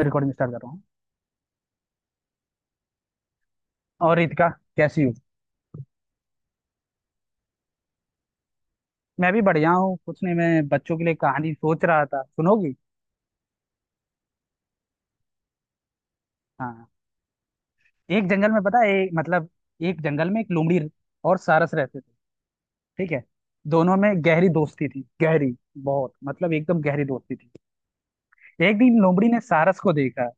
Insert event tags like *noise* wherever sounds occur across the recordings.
Recording start कर रहा हूँ। और रितिका, कैसी हो? मैं भी बढ़िया हूँ। कुछ नहीं, मैं बच्चों के लिए कहानी सोच रहा था, सुनोगी? हाँ। एक जंगल में पता है, एक जंगल में एक लोमड़ी और सारस रहते थे। ठीक है। दोनों में गहरी दोस्ती थी, गहरी बहुत मतलब एकदम गहरी दोस्ती थी। एक दिन लोमड़ी ने सारस को देखा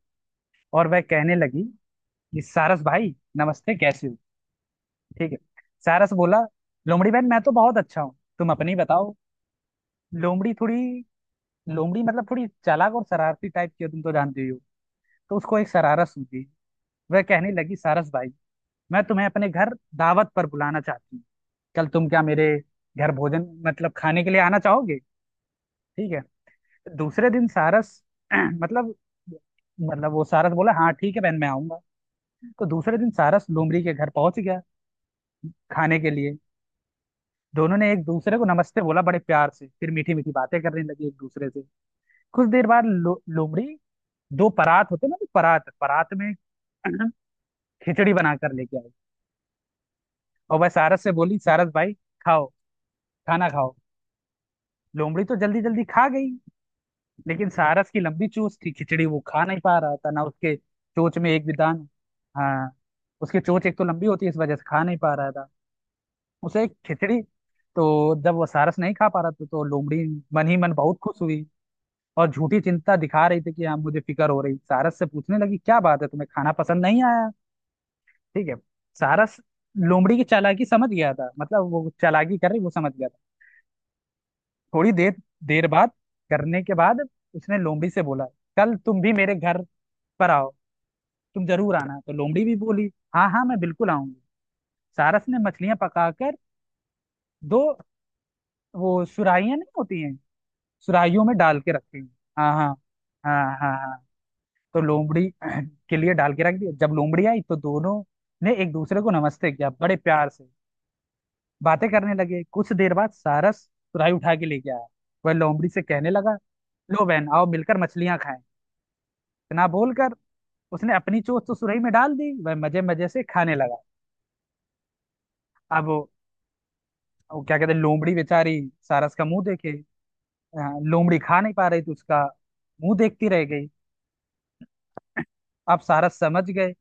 और वह कहने लगी कि सारस भाई, नमस्ते, कैसे हो? ठीक है। सारस बोला, लोमड़ी बहन, मैं तो बहुत अच्छा हूँ, तुम अपनी बताओ। लोमड़ी थोड़ी लोमड़ी थोड़ी चालाक और शरारती टाइप की हो, तुम तो जानते ही हो। तो उसको एक शरारत सूझी। वह कहने लगी, सारस भाई, मैं तुम्हें अपने घर दावत पर बुलाना चाहती हूँ। कल तुम क्या मेरे घर भोजन खाने के लिए आना चाहोगे? ठीक है। दूसरे दिन सारस *clears throat* मतलब वो सारस बोला, हाँ ठीक है बहन, मैं आऊंगा। तो दूसरे दिन सारस लोमड़ी के घर पहुंच गया खाने के लिए। दोनों ने एक दूसरे को नमस्ते बोला बड़े प्यार से, फिर मीठी मीठी बातें करने लगी एक दूसरे से। कुछ देर बाद लोमड़ी, दो परात होते ना, तो परात परात में खिचड़ी बनाकर लेके आई। और वह सारस से बोली, सारस भाई खाओ, खाना खाओ। लोमड़ी तो जल्दी जल्दी खा गई, लेकिन सारस की लंबी चोंच थी, खिचड़ी वो खा नहीं पा रहा था ना, उसके चोंच में एक भी दाना। हाँ। उसकी चोंच एक तो लंबी होती है, इस वजह से खा नहीं पा रहा था उसे एक खिचड़ी। तो जब वो सारस नहीं खा पा रहा था, तो लोमड़ी मन ही मन बहुत खुश हुई और झूठी चिंता दिखा रही थी कि हाँ मुझे फिक्र हो रही, सारस से पूछने लगी क्या बात है, तुम्हें खाना पसंद नहीं आया? ठीक है। सारा स- लोमड़ी की चालाकी समझ गया था, वो चालाकी कर रही, वो समझ गया था। थोड़ी देर देर बाद करने के बाद उसने लोमड़ी से बोला, कल तुम भी मेरे घर पर आओ, तुम जरूर आना। तो लोमड़ी भी बोली, हाँ हाँ, मैं बिल्कुल आऊंगी। सारस ने मछलियां पकाकर दो, वो सुराहियां नहीं होती हैं, सुराहियों में डाल के रखी। हाँ हाँ हाँ। हाँ हाँ। तो लोमड़ी *clears throat* के लिए डाल के रख दिया। जब लोमड़ी आई तो दोनों ने एक दूसरे को नमस्ते किया बड़े प्यार से, बातें करने लगे। कुछ देर बाद सारस तुरई उठा के लेके आया। वह लोमड़ी से कहने लगा, लो बहन आओ मिलकर मछलियां खाएं। इतना बोलकर उसने अपनी चोंच तो सुरही में डाल दी, वह मजे मजे से खाने लगा। अब वो क्या कहते हैं, लोमड़ी बेचारी सारस का मुंह देखे। अ, लोमड़ी खा नहीं पा रही, तो उसका मुंह देखती रह गई। अब सारस समझ गए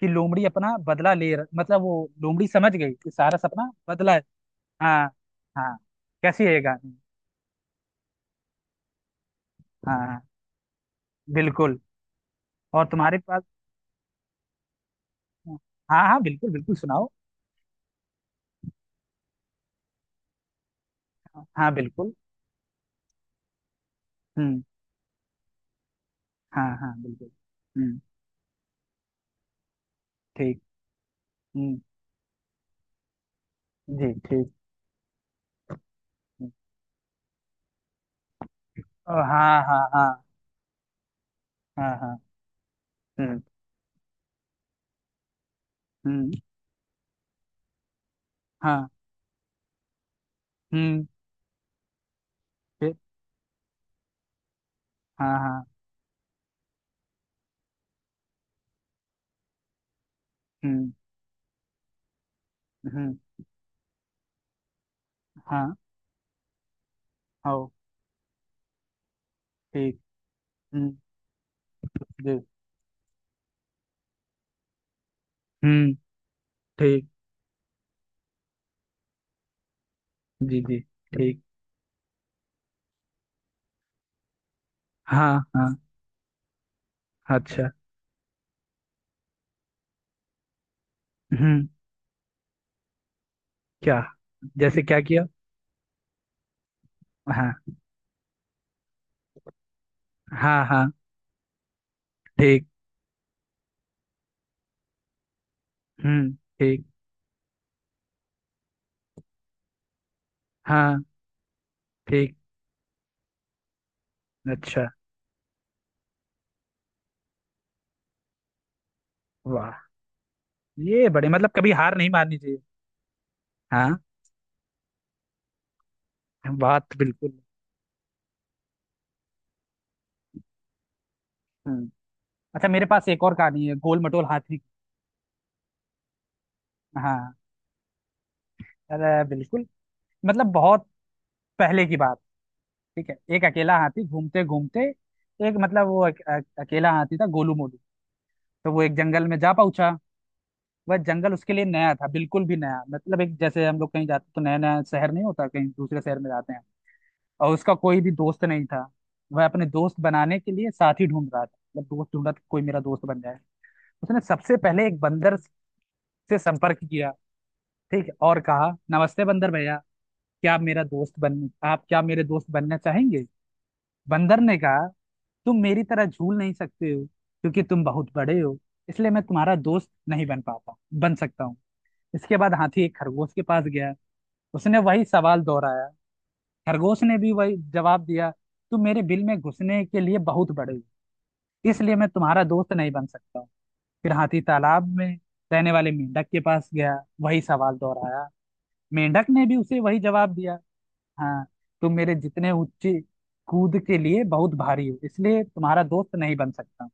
कि लोमड़ी अपना बदला ले रह- मतलब वो लोमड़ी समझ गई कि सारस अपना बदला। हाँ। हाँ। कैसी है ये कहानी? हाँ हाँ, बिल्कुल। और तुम्हारे पास? हाँ। हाँ हाँ, बिल्कुल बिल्कुल सुनाओ। हाँ बिल्कुल। हम्म। हाँ हाँ बिल्कुल। हम्म। ठीक। हम्म। जी ठीक। हम्म, ओ, हाँ हाँ हाँ। हाँ हाँ। हम्म। हम्म। हाँ। हम्म। फिर, हाँ हाँ। हम्म। हम्म। हाँ। हो। ठीक। हम्म। जी। हम्म। ठीक। जी जी। ठीक। हाँ हाँ। अच्छा। हम्म। क्या? जैसे क्या किया? हाँ हाँ हाँ। ठीक। हम्म। ठीक। हाँ। ठीक। अच्छा। वाह! ये बड़े, कभी हार नहीं माननी चाहिए। हाँ बात बिल्कुल। हम्म। अच्छा मेरे पास एक और कहानी है, गोल मटोल हाथी। हाँ। अरे बिल्कुल। बहुत पहले की बात, ठीक है, एक अकेला हाथी घूमते घूमते, एक अकेला हाथी था गोलू मोलू। तो वो एक जंगल में जा पहुंचा। वह जंगल उसके लिए नया था, बिल्कुल भी नया, एक, जैसे हम लोग कहीं जाते तो नया नया शहर नहीं होता, कहीं दूसरे शहर में जाते हैं। और उसका कोई भी दोस्त नहीं था। वह अपने दोस्त बनाने के लिए साथी ढूंढ रहा था, दोस्त ढूंढ रहा था कि कोई मेरा दोस्त बन जाए। उसने सबसे पहले एक बंदर से संपर्क किया। ठीक है, और कहा, नमस्ते बंदर भैया, क्या आप मेरा दोस्त बन आप क्या मेरे दोस्त बनना चाहेंगे? बंदर ने कहा, तुम मेरी तरह झूल नहीं सकते हो क्योंकि तुम बहुत बड़े हो, इसलिए मैं तुम्हारा दोस्त नहीं बन सकता हूँ। इसके बाद हाथी एक खरगोश के पास गया, उसने वही सवाल दोहराया। खरगोश ने भी वही जवाब दिया, तुम मेरे बिल में घुसने के लिए बहुत बड़े हो, इसलिए मैं तुम्हारा दोस्त नहीं बन सकता हूँ। फिर हाथी तालाब में रहने वाले मेंढक के पास गया, वही सवाल दोहराया। मेंढक ने भी उसे वही जवाब दिया। हाँ। तुम मेरे जितने ऊंचे कूद के लिए बहुत भारी हो, इसलिए तुम्हारा दोस्त नहीं बन सकता।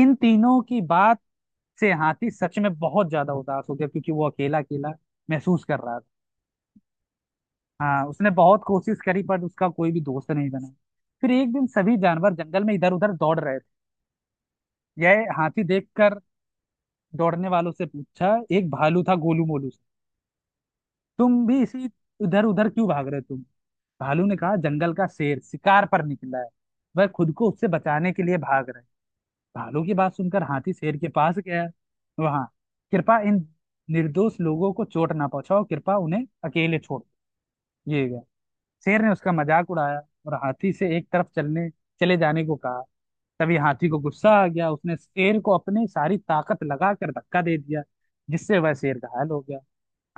इन तीनों की बात से हाथी सच में बहुत ज्यादा उदास हो गया, क्योंकि वो अकेला अकेला महसूस कर रहा था। हाँ। उसने बहुत कोशिश करी पर उसका कोई भी दोस्त नहीं बना। फिर एक दिन सभी जानवर जंगल में इधर उधर दौड़ रहे थे, यह हाथी देखकर दौड़ने वालों से पूछा, एक भालू था गोलू मोलू से, तुम भी इसी इधर उधर क्यों भाग रहे हो तुम? भालू ने कहा, जंगल का शेर शिकार पर निकला है, वह खुद को उससे बचाने के लिए भाग रहे। भालू की बात सुनकर हाथी शेर के पास गया, वहां कृपा इन निर्दोष लोगों को चोट ना पहुंचाओ, कृपा उन्हें अकेले छोड़ ये गया। शेर ने उसका मजाक उड़ाया और हाथी से एक तरफ चलने चले जाने को कहा। तभी हाथी को गुस्सा आ गया, उसने शेर को अपनी सारी ताकत लगाकर धक्का दे दिया, जिससे वह शेर घायल हो गया।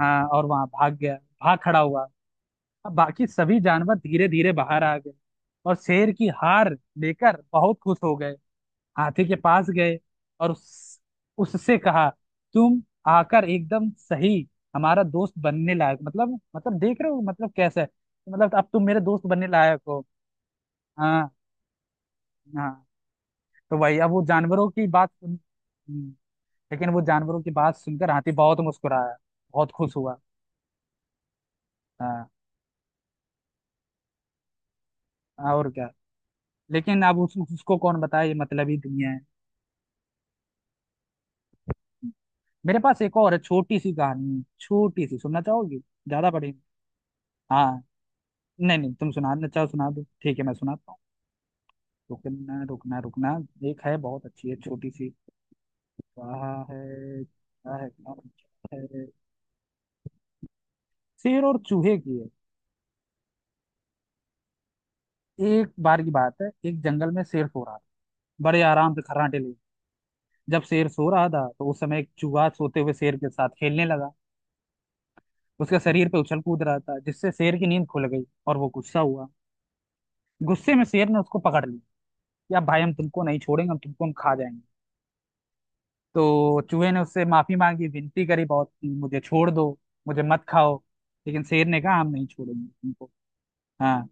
हाँ, और वहां भाग खड़ा हुआ। अब बाकी सभी जानवर धीरे धीरे बाहर आ गए और शेर की हार लेकर बहुत खुश हो गए, हाथी के पास गए और उससे कहा तुम आकर एकदम सही, हमारा दोस्त बनने लायक, देख रहे हो कैसा है, अब तुम मेरे दोस्त बनने लायक हो। हाँ। हाँ। तो वही, अब वो जानवरों की बात सुन, हम्म, लेकिन वो जानवरों की बात सुनकर हाथी बहुत मुस्कुराया, बहुत खुश हुआ। हाँ और क्या। लेकिन अब उसको कौन बताए ये मतलबी दुनिया है। मेरे पास एक और है, छोटी सी कहानी है छोटी सी, सुनना चाहोगी? ज्यादा बड़ी नहीं। हाँ, नहीं नहीं, तुम सुना दो, अच्छा सुना दो, ठीक है मैं सुनाता हूँ। रुकना रुकना रुकना, एक है बहुत अच्छी है, छोटी सी कहा है। क्या है क्या है? शेर और चूहे की है। एक बार की बात है, एक जंगल में शेर सो रहा था, बड़े आराम से खर्राटे लिए। जब शेर सो रहा था तो उस समय एक चूहा सोते हुए शेर के साथ खेलने लगा, उसके शरीर पे उछल कूद रहा था, जिससे शेर की नींद खुल गई और वो गुस्सा हुआ। गुस्से में शेर ने उसको पकड़ लिया कि अब भाई हम तुमको नहीं छोड़ेंगे, हम खा जाएंगे। तो चूहे ने उससे माफी मांगी, विनती करी बहुत कि मुझे छोड़ दो, मुझे मत खाओ। लेकिन शेर ने कहा, हम नहीं छोड़ेंगे तुमको। हाँ।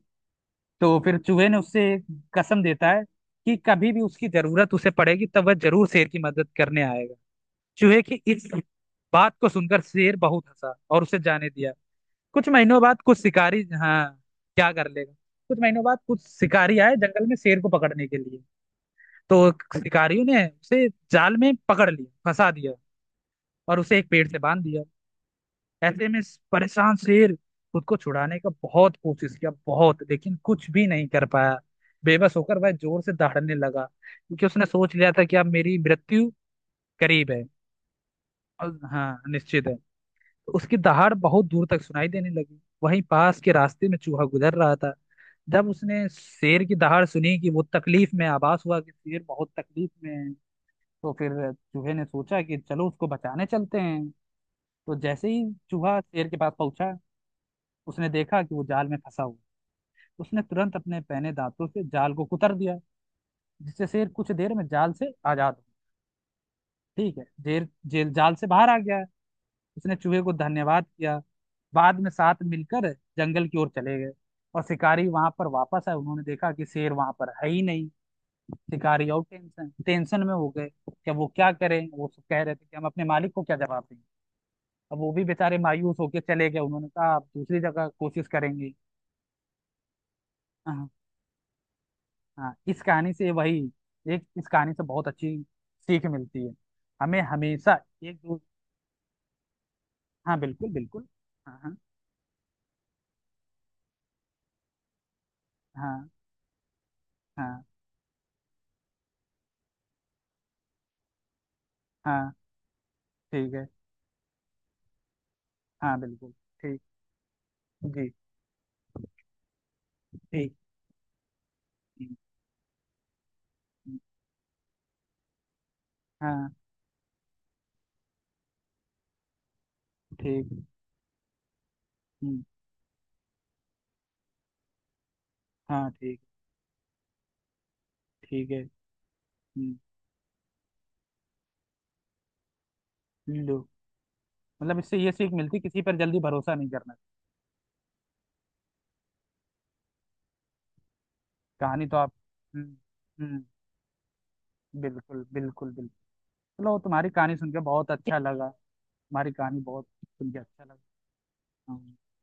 तो फिर चूहे ने उससे एक कसम देता है कि कभी भी उसकी जरूरत उसे पड़ेगी तब वह जरूर शेर की मदद करने आएगा। चूहे की इस बात को सुनकर शेर बहुत हंसा और उसे जाने दिया। कुछ महीनों बाद कुछ शिकारी, हाँ, क्या कर लेगा। कुछ महीनों बाद कुछ शिकारी आए जंगल में शेर को पकड़ने के लिए। तो शिकारियों ने उसे जाल में पकड़ लिया, फंसा दिया और उसे एक पेड़ से बांध दिया। ऐसे में इस परेशान शेर खुद को छुड़ाने का बहुत कोशिश किया, बहुत, लेकिन कुछ भी नहीं कर पाया। बेबस होकर वह जोर से दहाड़ने लगा, क्योंकि उसने सोच लिया था कि अब मेरी मृत्यु करीब है, और हाँ निश्चित है। तो उसकी दहाड़ बहुत दूर तक सुनाई देने लगी, वहीं पास के रास्ते में चूहा गुजर रहा था। जब उसने शेर की दहाड़ सुनी कि वो तकलीफ में, आभास हुआ कि शेर बहुत तकलीफ में है। तो फिर चूहे ने सोचा कि चलो उसको बचाने चलते हैं। तो जैसे ही चूहा शेर के पास पहुंचा, उसने देखा कि वो जाल में फंसा हुआ है। उसने तुरंत अपने पहने दांतों से जाल को कुतर दिया, जिससे शेर कुछ देर में जाल से आजाद हो, ठीक है, जेल जेल जाल से बाहर आ गया है। उसने चूहे को धन्यवाद किया। बाद में साथ मिलकर जंगल की ओर चले गए। और शिकारी वहां पर वापस आए, उन्होंने देखा कि शेर वहां पर है ही नहीं। शिकारी और टेंशन टेंशन में हो गए कि अब वो क्या करें, वो सब कह रहे थे कि हम अपने मालिक को क्या जवाब दें। अब वो भी बेचारे मायूस होके चले गए, उन्होंने कहा आप दूसरी जगह कोशिश करेंगे। हाँ। हाँ इस कहानी से वही, एक इस कहानी से बहुत अच्छी सीख मिलती है, हमें हमेशा, एक दू, हाँ बिल्कुल बिल्कुल। हाँ हाँ हाँ। हाँ हाँ। ठीक है। हाँ बिल्कुल। ठीक। जी। ठीक। हम्म। हम्म। हाँ। ठीक। हम्म। हाँ। ठीक। ठीक है। हम्म, लो, मतलब इससे ये सीख मिलती है, किसी पर जल्दी भरोसा नहीं करना। कहानी तो आप, हम्म, हम्म, बिल्कुल बिल्कुल बिल्कुल। चलो तुम्हारी कहानी सुन के बहुत अच्छा लगा। तुम्हारी कहानी बहुत सुन के अच्छा लगा। हाँ। हाँ।